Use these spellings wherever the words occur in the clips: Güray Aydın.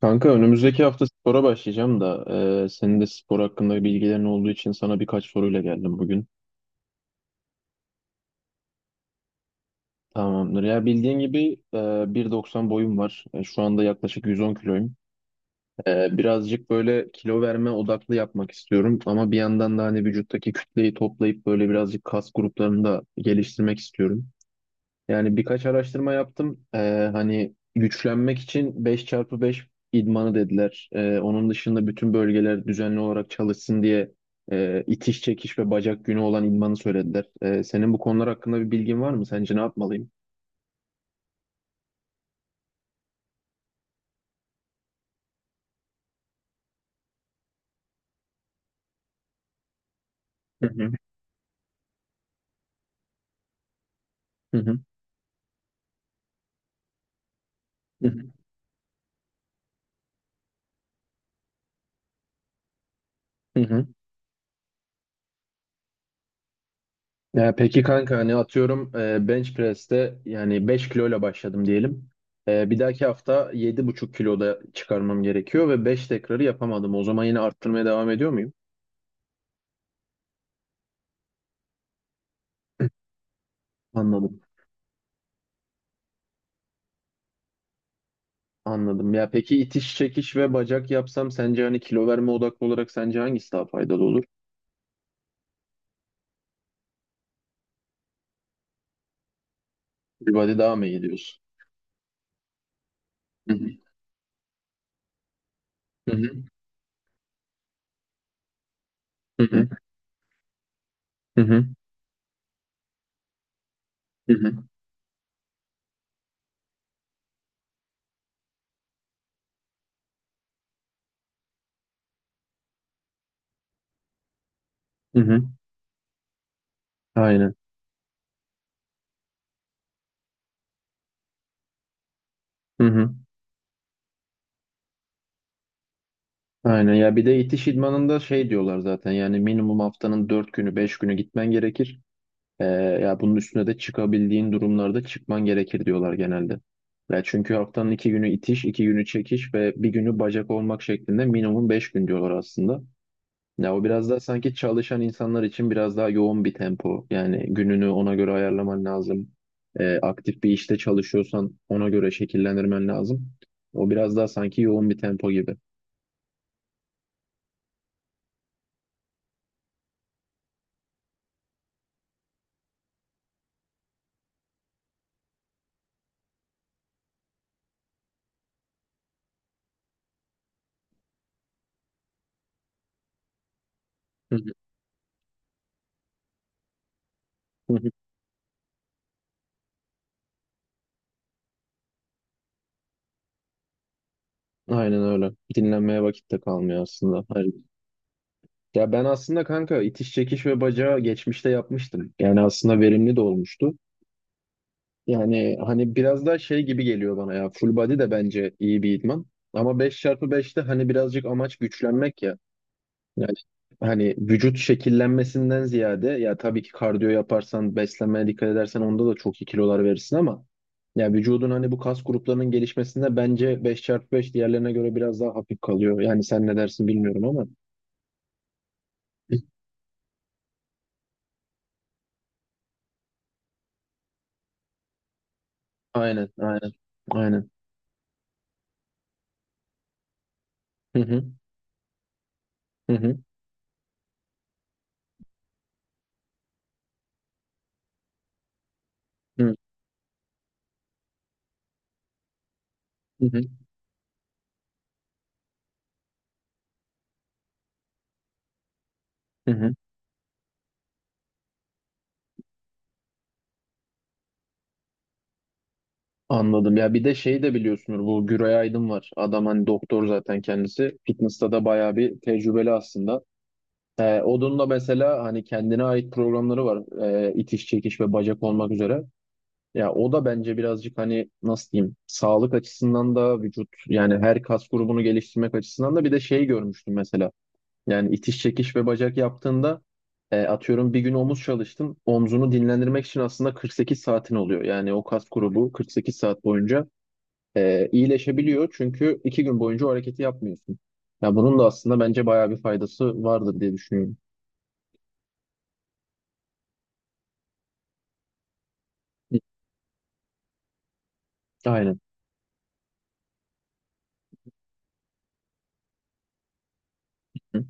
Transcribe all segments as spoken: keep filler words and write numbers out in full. Kanka önümüzdeki hafta spora başlayacağım da e, senin de spor hakkında bilgilerin olduğu için sana birkaç soruyla geldim bugün. Tamamdır. Ya bildiğin gibi e, bir doksan boyum var. E, şu anda yaklaşık yüz on kiloyum. E, birazcık böyle kilo verme odaklı yapmak istiyorum ama bir yandan da hani vücuttaki kütleyi toplayıp böyle birazcık kas gruplarını da geliştirmek istiyorum. Yani birkaç araştırma yaptım. Ee, hani güçlenmek için beş çarpı beş idmanı dediler. Ee, onun dışında bütün bölgeler düzenli olarak çalışsın diye e, itiş çekiş ve bacak günü olan idmanı söylediler. Ee, senin bu konular hakkında bir bilgin var mı? Sence ne yapmalıyım? Hı hı. Hı hı. Hı hı. Hı hı. Ya peki kanka hani atıyorum e, bench press'te yani beş kiloyla başladım diyelim. E, bir dahaki hafta yedi buçuk kiloda çıkarmam gerekiyor ve beş tekrarı yapamadım. O zaman yine arttırmaya devam ediyor muyum? Anladım. Anladım. Ya peki itiş çekiş ve bacak yapsam sence hani kilo verme odaklı olarak sence hangisi daha faydalı olur? Beachbody daha mı iyi diyorsun? Hı hı. Hı hı. Hı hı. Hı hı. Hı hı. Hı. Aynen. Hı hı. Aynen. Ya bir de itiş idmanında şey diyorlar zaten yani minimum haftanın dört günü beş günü gitmen gerekir. Ee, ya bunun üstüne de çıkabildiğin durumlarda çıkman gerekir diyorlar genelde. Ya çünkü haftanın iki günü itiş, iki günü çekiş ve bir günü bacak olmak şeklinde minimum beş gün diyorlar aslında. Ya o biraz daha sanki çalışan insanlar için biraz daha yoğun bir tempo. Yani gününü ona göre ayarlaman lazım. Ee, aktif bir işte çalışıyorsan ona göre şekillendirmen lazım. O biraz daha sanki yoğun bir tempo gibi. Hı hı. Hı hı. Aynen öyle. Dinlenmeye vakit de kalmıyor aslında. Hayır. Ya ben aslında kanka itiş çekiş ve bacağı geçmişte yapmıştım. Yani aslında verimli de olmuştu. Yani hani biraz daha şey gibi geliyor bana ya. Full body de bence iyi bir idman. Ama beş çarpı beş'te hani birazcık amaç güçlenmek ya. Yani hani vücut şekillenmesinden ziyade ya tabii ki kardiyo yaparsan, beslenmeye dikkat edersen onda da çok iyi kilolar verirsin ama ya vücudun hani bu kas gruplarının gelişmesinde bence beş çarpı beş diğerlerine göre biraz daha hafif kalıyor. Yani sen ne dersin bilmiyorum ama. Aynen, aynen, aynen. Hı hı, hı hı, hı hı, hı hı. Anladım. Ya bir de şey de biliyorsunuz bu Güray Aydın var. Adam hani doktor zaten kendisi. Fitness'ta da bayağı bir tecrübeli aslında. Ee, da mesela hani kendine ait programları var. Ee, itiş, çekiş ve bacak olmak üzere. Ya o da bence birazcık hani nasıl diyeyim sağlık açısından da vücut yani her kas grubunu geliştirmek açısından da bir de şey görmüştüm mesela. Yani itiş, çekiş ve bacak yaptığında e, atıyorum bir gün omuz çalıştın. Omzunu dinlendirmek için aslında kırk sekiz saatin oluyor. Yani o kas grubu kırk sekiz saat boyunca e, iyileşebiliyor. Çünkü iki gün boyunca o hareketi yapmıyorsun. Ya bunun da aslında bence bayağı bir faydası vardır diye düşünüyorum. Aynen. Hı.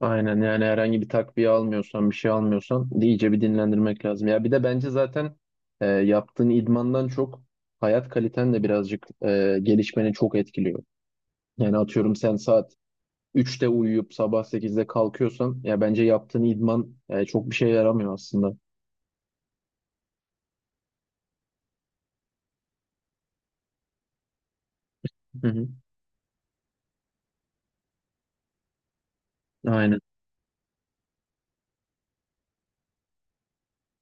Aynen yani herhangi bir takviye almıyorsan bir şey almıyorsan iyice bir dinlendirmek lazım. Ya bir de bence zaten e, yaptığın idmandan çok hayat kaliten de birazcık e, gelişmeni çok etkiliyor. Yani atıyorum sen saat üçte uyuyup sabah sekizde kalkıyorsan ya bence yaptığın idman e, çok bir şey yaramıyor aslında. Hı hı. Aynen.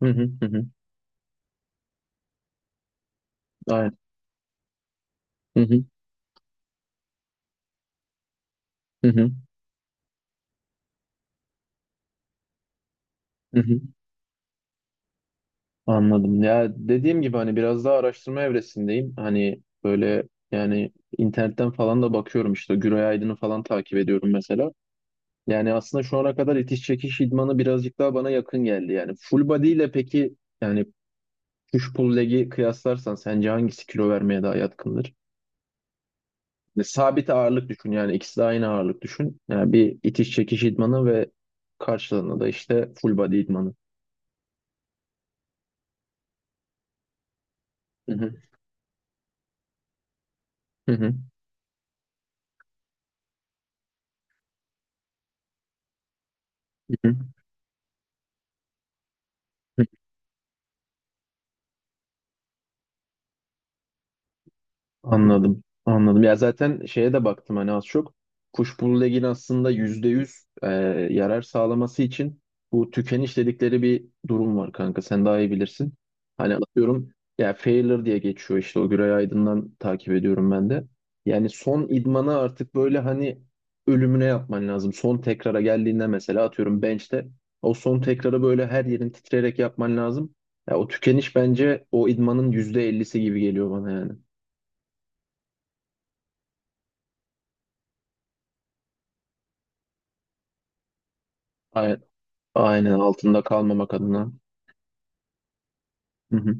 Hı hı hı hı. Aynen. Hı hı hı hı. Hı hı. Anladım. Ya dediğim gibi hani biraz daha araştırma evresindeyim. Hani böyle yani internetten falan da bakıyorum işte Güray Aydın'ı falan takip ediyorum mesela. Yani aslında şu ana kadar itiş çekiş idmanı birazcık daha bana yakın geldi. Yani full body ile peki yani push pull leg'i kıyaslarsan sence hangisi kilo vermeye daha yatkındır? Ve sabit ağırlık düşün yani ikisi de aynı ağırlık düşün. Yani bir itiş çekiş idmanı ve karşılığında da işte full body idmanı. Hı hı. Hı hı. Hı hı. Anladım. Anladım. Ya zaten şeye de baktım hani az çok. Kuşbulu legin aslında yüzde yüz e, yarar sağlaması için bu tükeniş dedikleri bir durum var kanka. Sen daha iyi bilirsin. Hani atıyorum ya Failure diye geçiyor işte o Güray Aydın'dan takip ediyorum ben de. Yani son idmanı artık böyle hani ölümüne yapman lazım. Son tekrara geldiğinde mesela atıyorum bench'te o son tekrarı böyle her yerin titreyerek yapman lazım. Ya o tükeniş bence o idmanın yüzde elli'si gibi geliyor bana yani. Aynen altında kalmamak adına. Hı hı.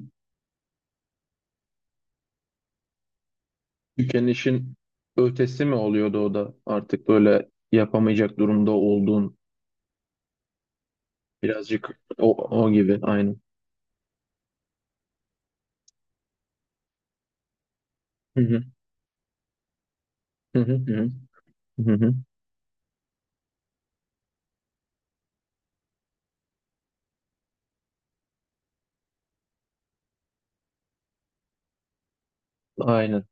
Tükenişin ötesi mi oluyordu o da artık böyle yapamayacak durumda olduğun birazcık o, o gibi aynen. Hı hı. Hı hı. Hı hı. Hı hı. Aynen.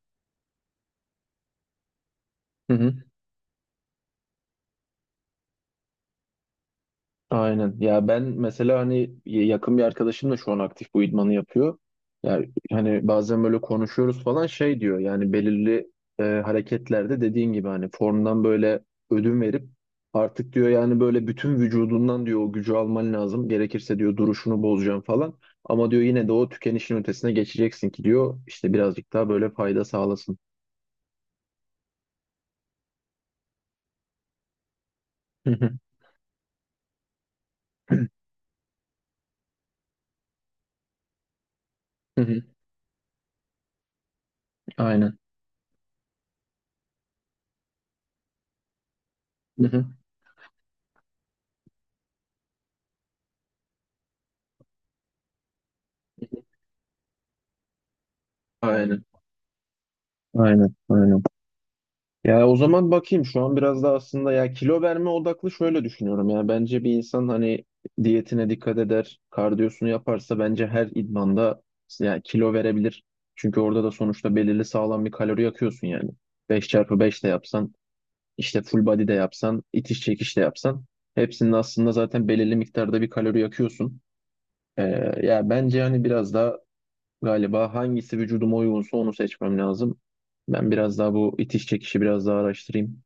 Hı hı. Aynen. Ya ben mesela hani y- yakın bir arkadaşım da şu an aktif bu idmanı yapıyor. Yani hani bazen böyle konuşuyoruz falan şey diyor yani belirli e, hareketlerde dediğin gibi hani formdan böyle ödün verip artık diyor yani böyle bütün vücudundan diyor o gücü alman lazım. Gerekirse diyor duruşunu bozacaksın falan. Ama diyor yine de o tükenişin ötesine geçeceksin ki diyor işte birazcık daha böyle fayda sağlasın. Hı hı, hı hı. Aynen. Hı hı. Aynen. Aynen. Aynen. Ya o zaman bakayım şu an biraz da aslında ya kilo verme odaklı şöyle düşünüyorum ya bence bir insan hani diyetine dikkat eder, kardiyosunu yaparsa bence her idmanda ya kilo verebilir. Çünkü orada da sonuçta belirli sağlam bir kalori yakıyorsun yani. beş çarpı beş de yapsan, işte full body de yapsan, itiş çekiş de yapsan hepsinin aslında zaten belirli miktarda bir kalori yakıyorsun. Ee, ya bence hani biraz daha galiba hangisi vücuduma uygunsa onu seçmem lazım. Ben biraz daha bu itiş çekişi biraz daha araştırayım.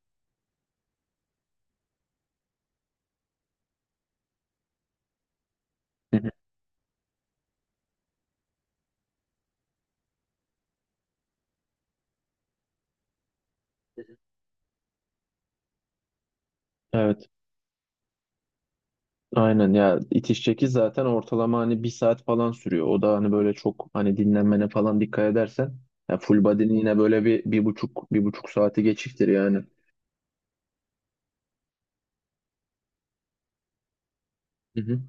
Evet, aynen ya itiş çekiş zaten ortalama hani bir saat falan sürüyor. O da hani böyle çok hani dinlenmene falan dikkat edersen ya full body'nin yine böyle bir, bir buçuk bir buçuk saati geçiktir yani. Hı hı.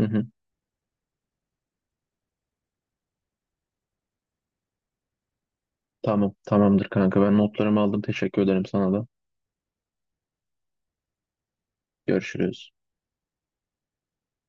Hı hı. Tamam, tamamdır kanka ben notlarımı aldım teşekkür ederim sana da. Görüşürüz.